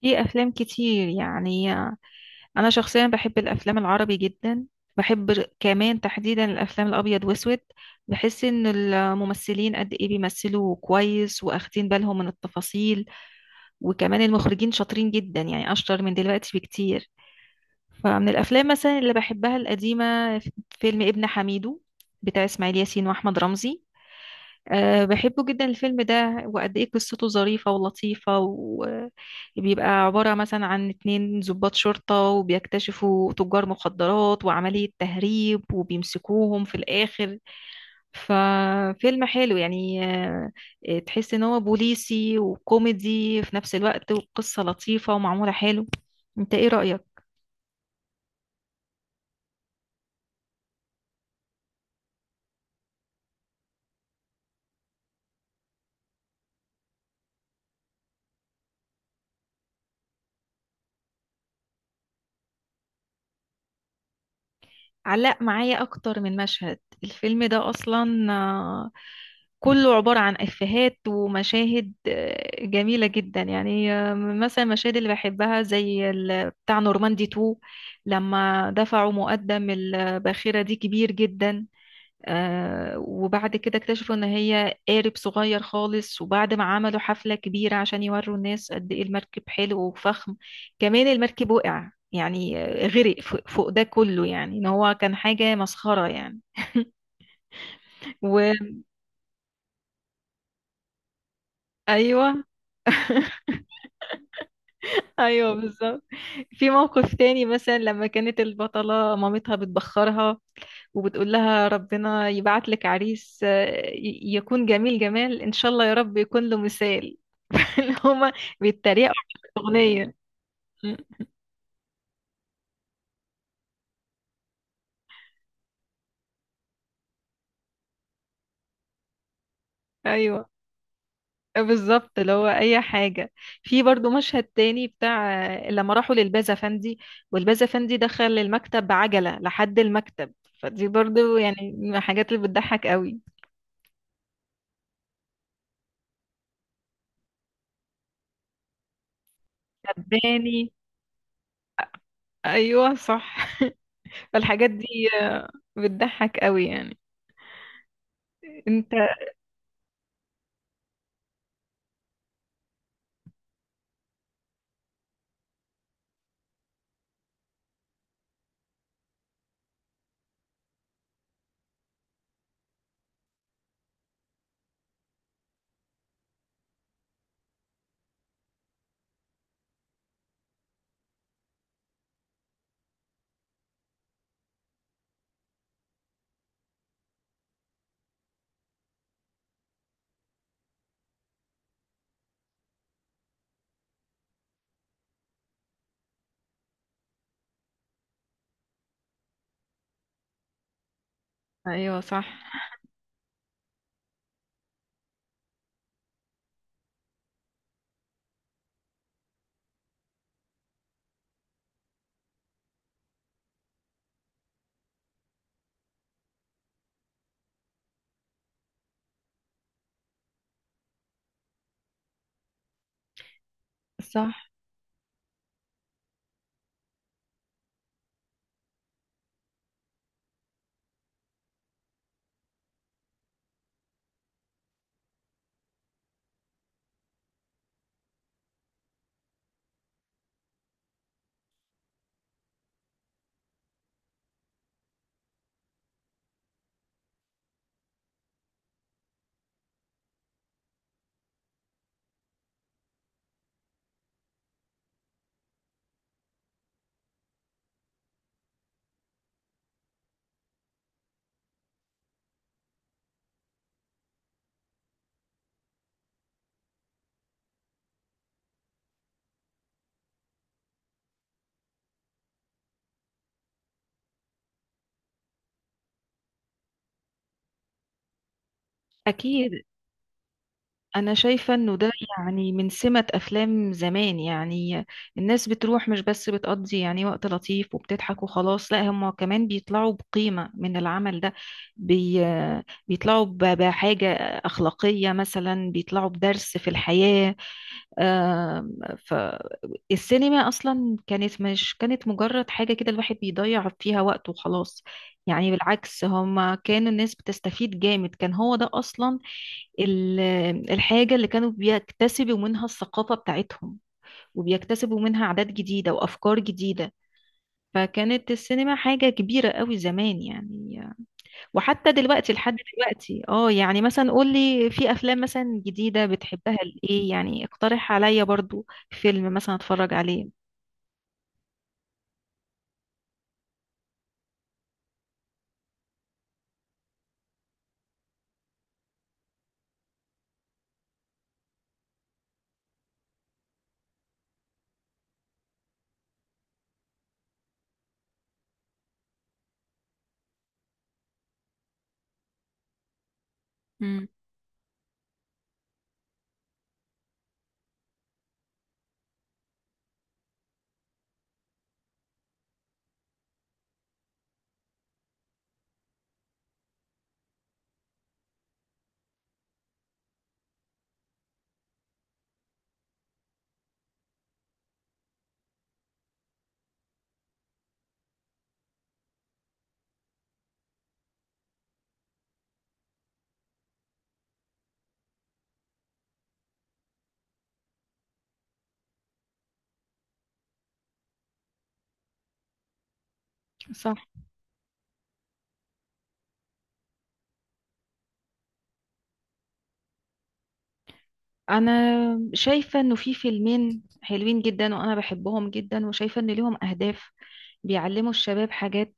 في افلام كتير يعني انا شخصيا بحب الافلام العربي جدا. بحب كمان تحديدا الافلام الابيض واسود. بحس ان الممثلين قد ايه بيمثلوا كويس واخدين بالهم من التفاصيل، وكمان المخرجين شاطرين جدا يعني اشطر من دلوقتي بكتير. فمن الافلام مثلا اللي بحبها القديمة فيلم ابن حميدو بتاع اسماعيل ياسين واحمد رمزي. بحبه جدا الفيلم ده، وقد ايه قصته ظريفة ولطيفة، وبيبقى عبارة مثلا عن اتنين ضباط شرطة وبيكتشفوا تجار مخدرات وعملية تهريب وبيمسكوهم في الآخر. ففيلم حلو يعني تحس ان هو بوليسي وكوميدي في نفس الوقت، وقصة لطيفة ومعمولة حلو. انت ايه رأيك؟ علق معايا اكتر من مشهد. الفيلم ده اصلا كله عبارة عن افيهات ومشاهد جميلة جدا يعني. مثلا المشاهد اللي بحبها زي بتاع نورماندي 2، لما دفعوا مقدم الباخرة دي كبير جدا. وبعد كده اكتشفوا ان هي قارب صغير خالص، وبعد ما عملوا حفلة كبيرة عشان يوروا الناس قد ايه المركب حلو وفخم، كمان المركب وقع يعني غرق. فوق فوق ده كله يعني ان هو كان حاجة مسخرة يعني. وايوه، ايوه بالظبط. في موقف تاني مثلا لما كانت البطلة مامتها بتبخرها وبتقول لها ربنا يبعت لك عريس يكون جميل جمال ان شاء الله، يا رب يكون له مثال. اللي هما بيتريقوا في الاغنية. م. ايوه، بالظبط اللي هو اي حاجة. في برضو مشهد تاني بتاع لما راحوا للباز افندي، والباز افندي دخل المكتب بعجلة لحد المكتب، فدي برضو يعني من الحاجات اللي بتضحك قوي. تباني. ايوه صح. فالحاجات دي آه، بتضحك قوي يعني. انت. ايوه صح. صح اكيد. انا شايفه انه ده يعني من سمة افلام زمان يعني، الناس بتروح مش بس بتقضي يعني وقت لطيف وبتضحك وخلاص، لا هم كمان بيطلعوا بقيمه من العمل ده. بي... بيطلعوا بحاجه اخلاقيه، مثلا بيطلعوا بدرس في الحياه. آم، فالسينما اصلا كانت مش كانت مجرد حاجه كده الواحد بيضيع فيها وقته وخلاص. يعني بالعكس هما كان الناس بتستفيد جامد، كان هو ده اصلا ال- الحاجه اللي كانوا بيكتسبوا منها الثقافه بتاعتهم، وبيكتسبوا منها عادات جديده وافكار جديده. فكانت السينما حاجه كبيره قوي زمان يعني. وحتى دلوقتي لحد دلوقتي اه، يعني مثلا قولي في افلام مثلا جديدة بتحبها لايه، يعني اقترح عليا برضو فيلم مثلا اتفرج عليه. مم. صح. انا شايفة انه في فيلمين حلوين جدا وانا بحبهم جدا، وشايفة ان ليهم اهداف، بيعلموا الشباب حاجات،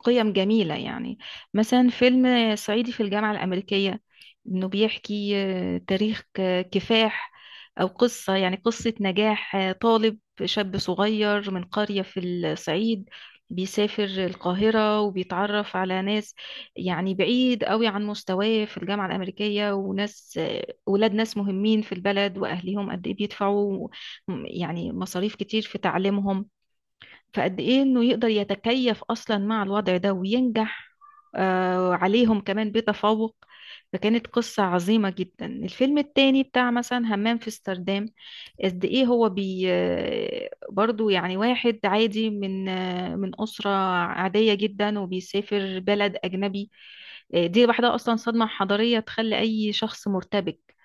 قيم جميلة يعني. مثلا فيلم صعيدي في الجامعة الأمريكية، إنه بيحكي تاريخ كفاح، أو قصة يعني قصة نجاح طالب شاب صغير من قرية في الصعيد، بيسافر القاهرة وبيتعرف على ناس يعني بعيد قوي عن مستواه في الجامعة الأمريكية، وناس ولاد ناس مهمين في البلد وأهليهم قد إيه بيدفعوا يعني مصاريف كتير في تعليمهم. فقد ايه انه يقدر يتكيف اصلا مع الوضع ده وينجح عليهم كمان بتفوق. فكانت قصة عظيمة جدا. الفيلم التاني بتاع مثلا همام في امستردام، قد ايه هو بي آه، برضو يعني واحد عادي من من أسرة عادية جدا، وبيسافر بلد أجنبي. دي لوحدها أصلا صدمة حضارية تخلي أي شخص مرتبك.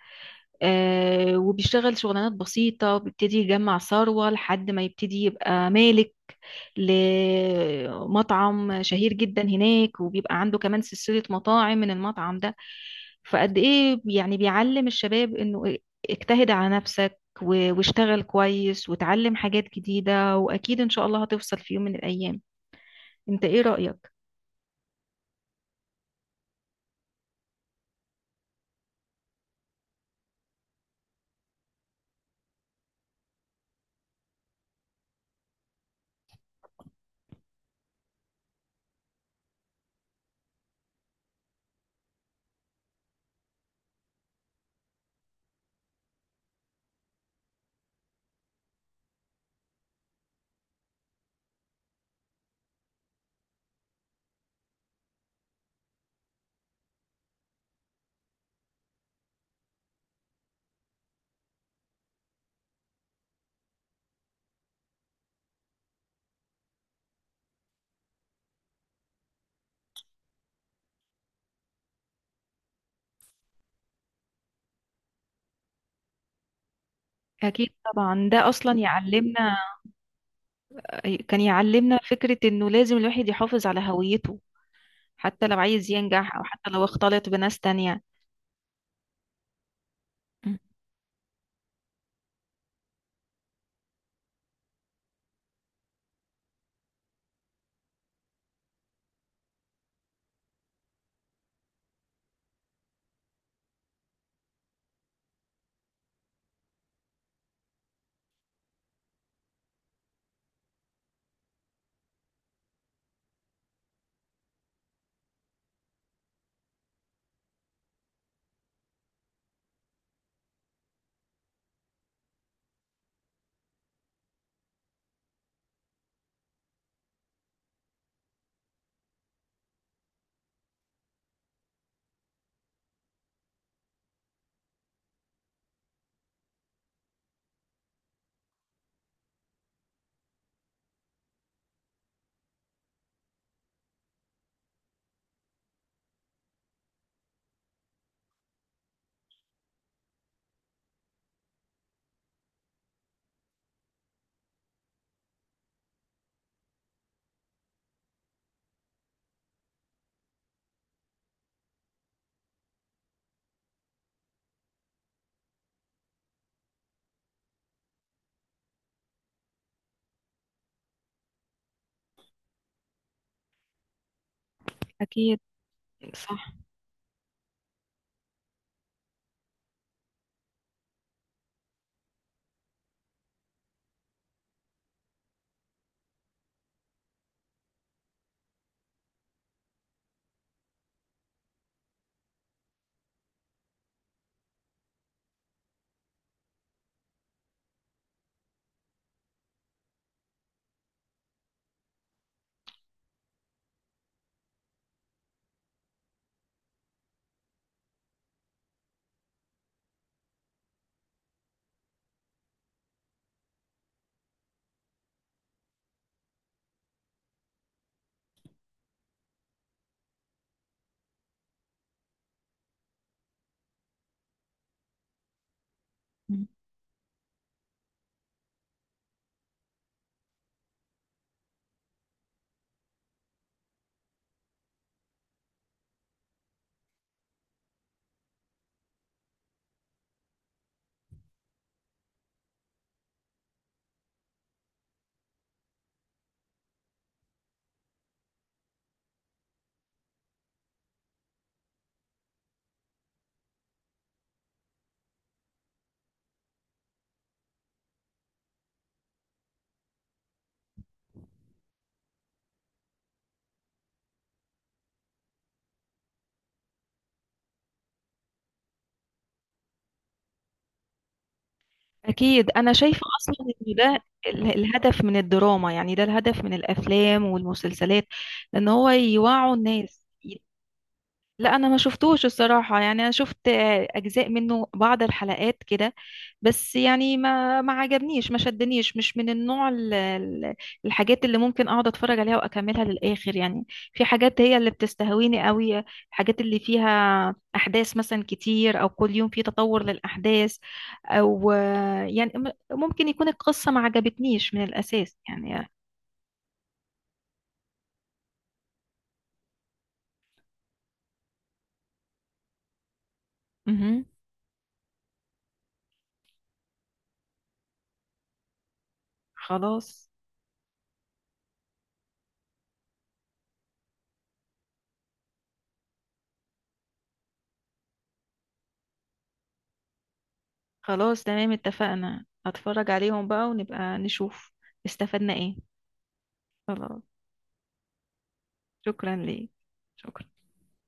وبيشتغل شغلانات بسيطة، وبيبتدي يجمع ثروة لحد ما يبتدي يبقى مالك لمطعم شهير جدا هناك، وبيبقى عنده كمان سلسلة مطاعم من المطعم ده. فقد ايه يعني بيعلم الشباب انه اجتهد على نفسك، واشتغل كويس وتعلم حاجات جديدة، واكيد ان شاء الله هتوصل في يوم من الايام. انت ايه رأيك؟ اكيد طبعا، ده اصلا يعلمنا. كان يعلمنا فكرة انه لازم الواحد يحافظ على هويته، حتى لو عايز ينجح او حتى لو اختلط بناس تانية. أكيد. صح. أكيد. أنا شايفة أصلا إن ده الهدف من الدراما، يعني ده الهدف من الأفلام والمسلسلات، إن هو يوعوا الناس. لا، انا ما شفتوش الصراحه، يعني انا شفت اجزاء منه بعض الحلقات كده. بس يعني ما ما عجبنيش، ما شدنيش، مش من النوع الحاجات اللي ممكن اقعد اتفرج عليها واكملها للاخر يعني. في حاجات هي اللي بتستهويني قوي، الحاجات اللي فيها احداث مثلا كتير، او كل يوم في تطور للاحداث، او يعني ممكن يكون القصه ما عجبتنيش من الاساس يعني. مهم. خلاص. خلاص تمام اتفقنا، هتفرج عليهم بقى ونبقى نشوف استفدنا ايه. خلاص. شكرا ليك. شكرا.